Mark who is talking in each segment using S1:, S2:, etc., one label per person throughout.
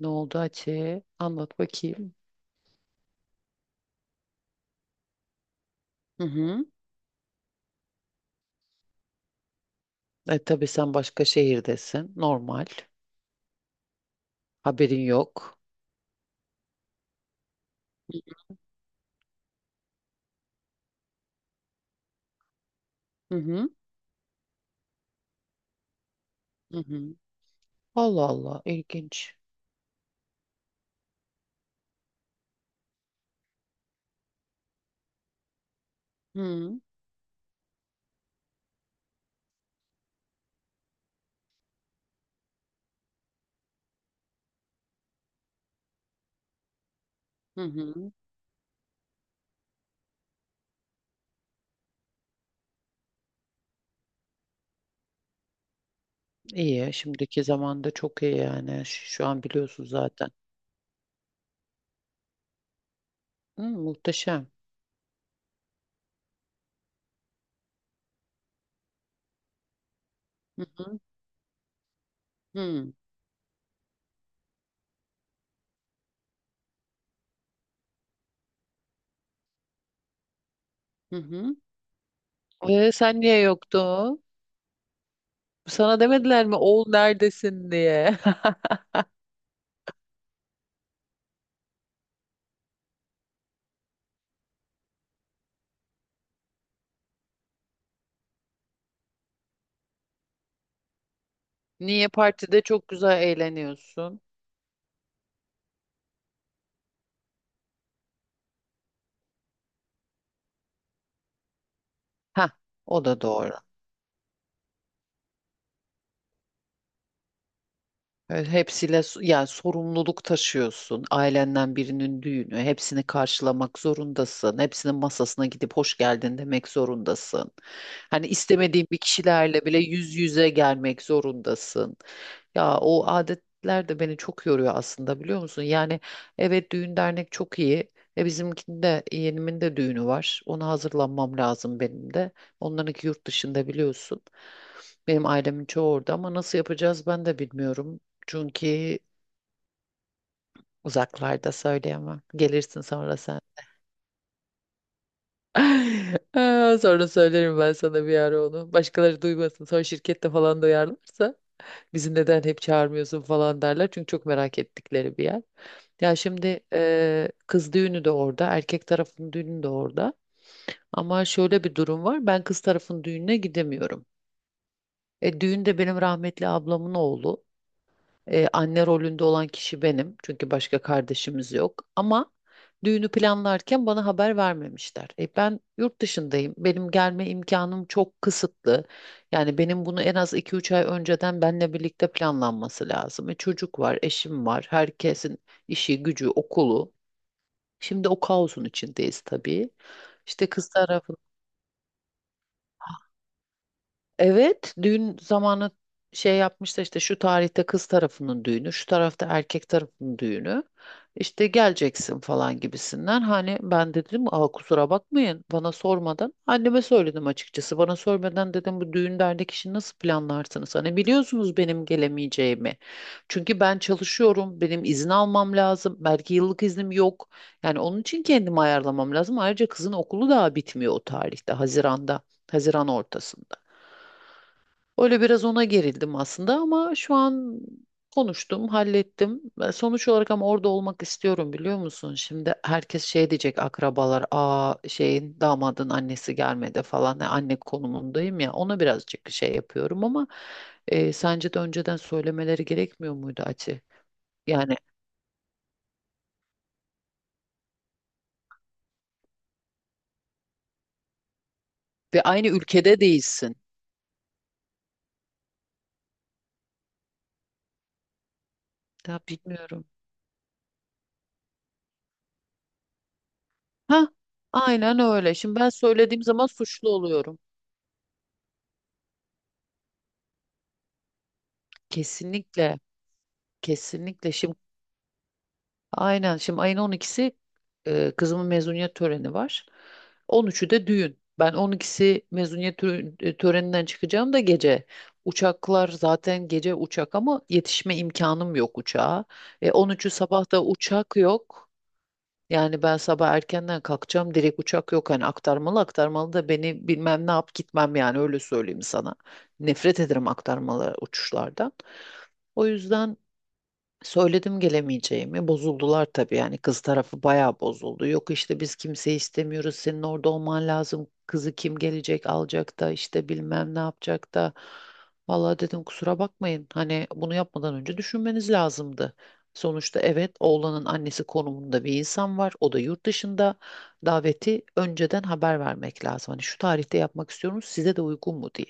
S1: Ne oldu Hatice? Anlat bakayım. Hı hı. E tabii sen başka şehirdesin. Normal. Haberin yok. Hı hı. Hı hı. Allah Allah. İlginç. Hı hı. Hı. İyi. Şimdiki zamanda çok iyi yani. Şu an biliyorsun zaten. Hı, muhteşem. Hı hı. Hı hı. Hı. E, sen niye yoktun? Sana demediler mi oğul neredesin diye? Niye partide çok güzel eğleniyorsun? Ha, o da doğru. Evet, hepsiyle yani sorumluluk taşıyorsun. Ailenden birinin düğünü, hepsini karşılamak zorundasın. Hepsinin masasına gidip hoş geldin demek zorundasın. Hani istemediğin bir kişilerle bile yüz yüze gelmek zorundasın. Ya o adetler de beni çok yoruyor aslında biliyor musun? Yani evet düğün dernek çok iyi. E bizimkinde yeğenimin de düğünü var. Ona hazırlanmam lazım benim de. Onlarınki yurt dışında biliyorsun. Benim ailemin çoğu orada ama nasıl yapacağız ben de bilmiyorum. Çünkü uzaklarda söyleyemem. Gelirsin sonra sen. Aa, sonra söylerim ben sana bir ara onu. Başkaları duymasın. Sonra şirkette falan duyarlarsa bizi neden hep çağırmıyorsun falan derler. Çünkü çok merak ettikleri bir yer. Ya şimdi kız düğünü de orada, erkek tarafın düğünü de orada. Ama şöyle bir durum var. Ben kız tarafın düğününe gidemiyorum. E, düğün de benim rahmetli ablamın oğlu. Anne rolünde olan kişi benim. Çünkü başka kardeşimiz yok. Ama düğünü planlarken bana haber vermemişler. E, ben yurt dışındayım. Benim gelme imkanım çok kısıtlı. Yani benim bunu en az iki üç ay önceden benle birlikte planlanması lazım. E, çocuk var, eşim var. Herkesin işi, gücü, okulu. Şimdi o kaosun içindeyiz tabii. İşte kız tarafı. Evet, düğün zamanı şey yapmışlar işte şu tarihte kız tarafının düğünü, şu tarafta erkek tarafının düğünü. İşte geleceksin falan gibisinden. Hani ben de dedim aa, kusura bakmayın bana sormadan. Anneme söyledim açıkçası. Bana sormadan dedim bu düğün dernek işini nasıl planlarsınız? Hani biliyorsunuz benim gelemeyeceğimi. Çünkü ben çalışıyorum. Benim izin almam lazım. Belki yıllık iznim yok. Yani onun için kendimi ayarlamam lazım. Ayrıca kızın okulu daha bitmiyor o tarihte. Haziran'da. Haziran ortasında. Öyle biraz ona gerildim aslında ama şu an konuştum, hallettim. Ben sonuç olarak ama orada olmak istiyorum biliyor musun? Şimdi herkes şey diyecek akrabalar, aa şeyin damadın annesi gelmedi falan. Yani anne konumundayım ya ona birazcık şey yapıyorum ama sence de önceden söylemeleri gerekmiyor muydu Ati? Yani ve aynı ülkede değilsin. Ya bilmiyorum. Ha, aynen öyle. Şimdi ben söylediğim zaman suçlu oluyorum. Kesinlikle, kesinlikle. Şimdi. Aynen. Şimdi ayın 12'si kızımın mezuniyet töreni var. On üçü de düğün. Ben on ikisi mezuniyet töreninden çıkacağım da gece. Uçaklar zaten gece uçak ama yetişme imkanım yok uçağa. E, on üçü sabah da uçak yok. Yani ben sabah erkenden kalkacağım. Direkt uçak yok. Hani aktarmalı aktarmalı da beni bilmem ne yap gitmem yani öyle söyleyeyim sana. Nefret ederim aktarmalı uçuşlardan. O yüzden söyledim gelemeyeceğimi. Bozuldular tabii yani kız tarafı bayağı bozuldu. Yok işte biz kimseyi istemiyoruz. Senin orada olman lazım. Kızı kim gelecek alacak da işte bilmem ne yapacak da. Vallahi dedim kusura bakmayın. Hani bunu yapmadan önce düşünmeniz lazımdı. Sonuçta evet oğlanın annesi konumunda bir insan var. O da yurt dışında. Daveti önceden haber vermek lazım. Hani şu tarihte yapmak istiyorum size de uygun mu diye.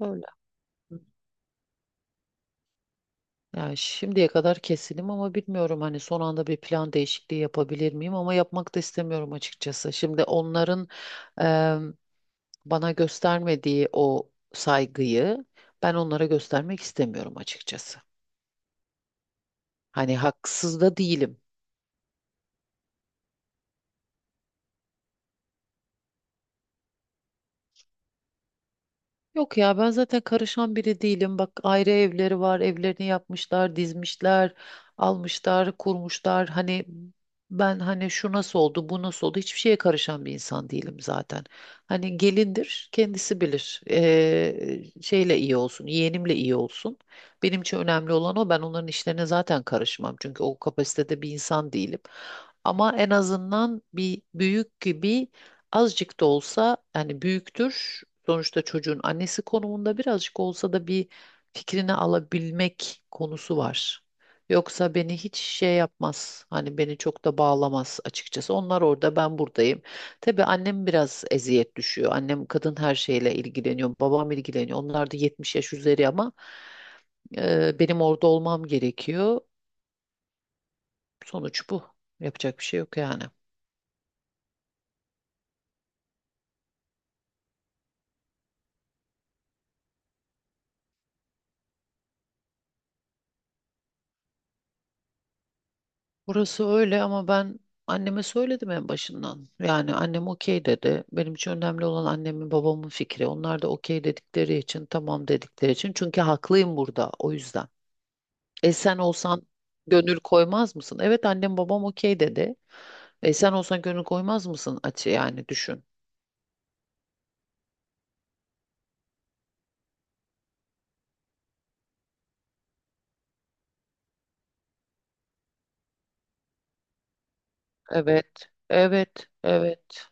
S1: Öyle. Yani şimdiye kadar kesinim ama bilmiyorum hani son anda bir plan değişikliği yapabilir miyim ama yapmak da istemiyorum açıkçası. Şimdi onların em, bana göstermediği o saygıyı ben onlara göstermek istemiyorum açıkçası. Hani haksız da değilim. Yok ya ben zaten karışan biri değilim. Bak ayrı evleri var. Evlerini yapmışlar, dizmişler, almışlar, kurmuşlar. Hani ben hani şu nasıl oldu, bu nasıl oldu hiçbir şeye karışan bir insan değilim zaten. Hani gelindir, kendisi bilir. Şeyle iyi olsun, yeğenimle iyi olsun. Benim için önemli olan o. Ben onların işlerine zaten karışmam. Çünkü o kapasitede bir insan değilim. Ama en azından bir büyük gibi azıcık da olsa yani büyüktür. Sonuçta çocuğun annesi konumunda birazcık olsa da bir fikrini alabilmek konusu var. Yoksa beni hiç şey yapmaz. Hani beni çok da bağlamaz açıkçası. Onlar orada, ben buradayım. Tabii annem biraz eziyet düşüyor. Annem kadın her şeyle ilgileniyor. Babam ilgileniyor. Onlar da 70 yaş üzeri ama benim orada olmam gerekiyor. Sonuç bu. Yapacak bir şey yok yani. Burası öyle ama ben anneme söyledim en başından. Yani annem okey dedi. Benim için önemli olan annemin babamın fikri. Onlar da okey dedikleri için, tamam dedikleri için. Çünkü haklıyım burada o yüzden. E sen olsan gönül koymaz mısın? Evet annem babam okey dedi. E sen olsan gönül koymaz mısın? Açı yani düşün. Evet, evet, evet.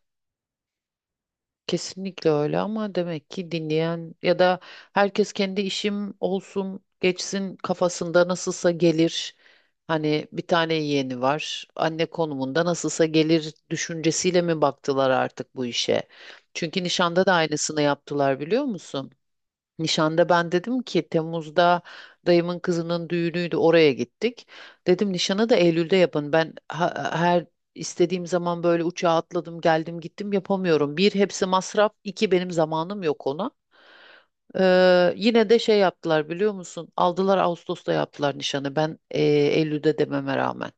S1: Kesinlikle öyle ama demek ki dinleyen ya da herkes kendi işim olsun geçsin kafasında nasılsa gelir. Hani bir tane yeğeni var. Anne konumunda nasılsa gelir düşüncesiyle mi baktılar artık bu işe? Çünkü nişanda da aynısını yaptılar biliyor musun? Nişanda ben dedim ki Temmuz'da dayımın kızının düğünüydü oraya gittik. Dedim nişanı da Eylül'de yapın. Ben her istediğim zaman böyle uçağa atladım geldim gittim yapamıyorum. Bir hepsi masraf, iki benim zamanım yok ona. Yine de şey yaptılar biliyor musun? Aldılar Ağustos'ta yaptılar nişanı. Ben Eylül'de dememe rağmen.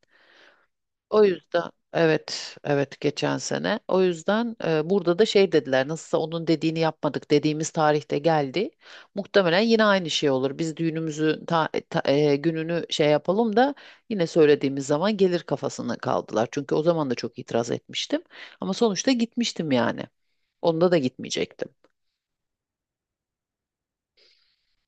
S1: O yüzden evet evet geçen sene. O yüzden burada da şey dediler nasılsa onun dediğini yapmadık dediğimiz tarihte geldi. Muhtemelen yine aynı şey olur. Biz düğünümüzü gününü şey yapalım da yine söylediğimiz zaman gelir kafasına kaldılar. Çünkü o zaman da çok itiraz etmiştim. Ama sonuçta gitmiştim yani. Onda da gitmeyecektim.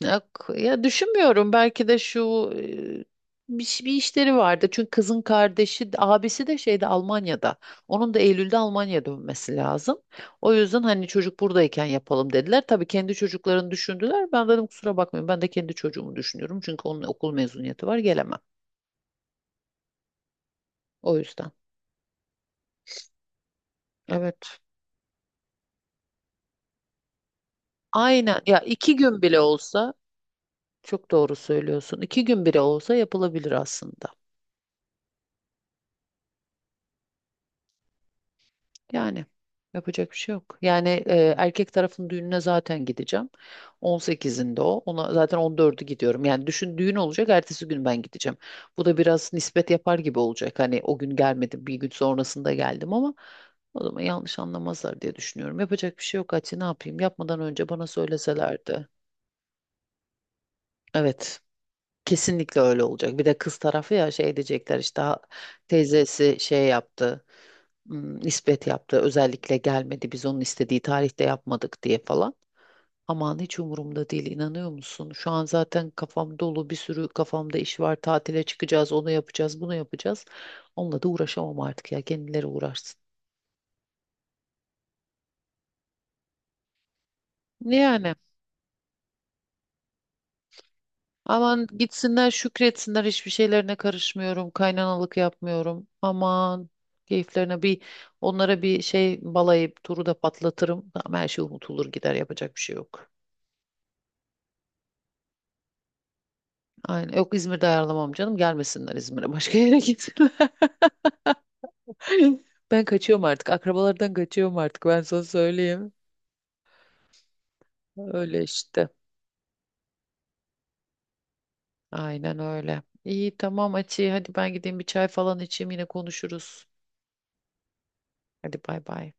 S1: Ya, ya düşünmüyorum belki de şu bir işleri vardı. Çünkü kızın kardeşi, abisi de şeyde Almanya'da. Onun da Eylül'de Almanya'ya dönmesi lazım. O yüzden hani çocuk buradayken yapalım dediler. Tabii kendi çocuklarını düşündüler. Ben dedim kusura bakmayın ben de kendi çocuğumu düşünüyorum. Çünkü onun okul mezuniyeti var gelemem. O yüzden. Evet. Aynen ya iki gün bile olsa çok doğru söylüyorsun. İki gün bile olsa yapılabilir aslında. Yani yapacak bir şey yok. Yani erkek tarafın düğününe zaten gideceğim. 18'inde o. Ona zaten 14'ü gidiyorum. Yani düşün düğün olacak, ertesi gün ben gideceğim. Bu da biraz nispet yapar gibi olacak. Hani o gün gelmedim, bir gün sonrasında geldim ama o zaman yanlış anlamazlar diye düşünüyorum. Yapacak bir şey yok Hatice, ne yapayım? Yapmadan önce bana söyleselerdi. Evet. Kesinlikle öyle olacak. Bir de kız tarafı ya şey diyecekler işte "Ha, teyzesi şey yaptı. Hmm, nispet yaptı. Özellikle gelmedi biz onun istediği tarihte yapmadık diye falan. Aman hiç umurumda değil inanıyor musun? Şu an zaten kafam dolu bir sürü kafamda iş var. Tatile çıkacağız, onu yapacağız, bunu yapacağız. Onunla da uğraşamam artık ya kendileri uğraşsın. Yani aman gitsinler şükretsinler hiçbir şeylerine karışmıyorum. Kaynanalık yapmıyorum. Aman keyiflerine bir onlara bir şey balayıp turu da patlatırım. Tamam, her şey unutulur gider yapacak bir şey yok. Aynen. Yok İzmir'de ayarlamam canım. Gelmesinler İzmir'e. Başka yere gitsinler. Ben kaçıyorum artık. Akrabalardan kaçıyorum artık. Ben sana söyleyeyim. Öyle işte. Aynen öyle. İyi tamam Açı. Hadi ben gideyim bir çay falan içeyim. Yine konuşuruz. Hadi bay bay.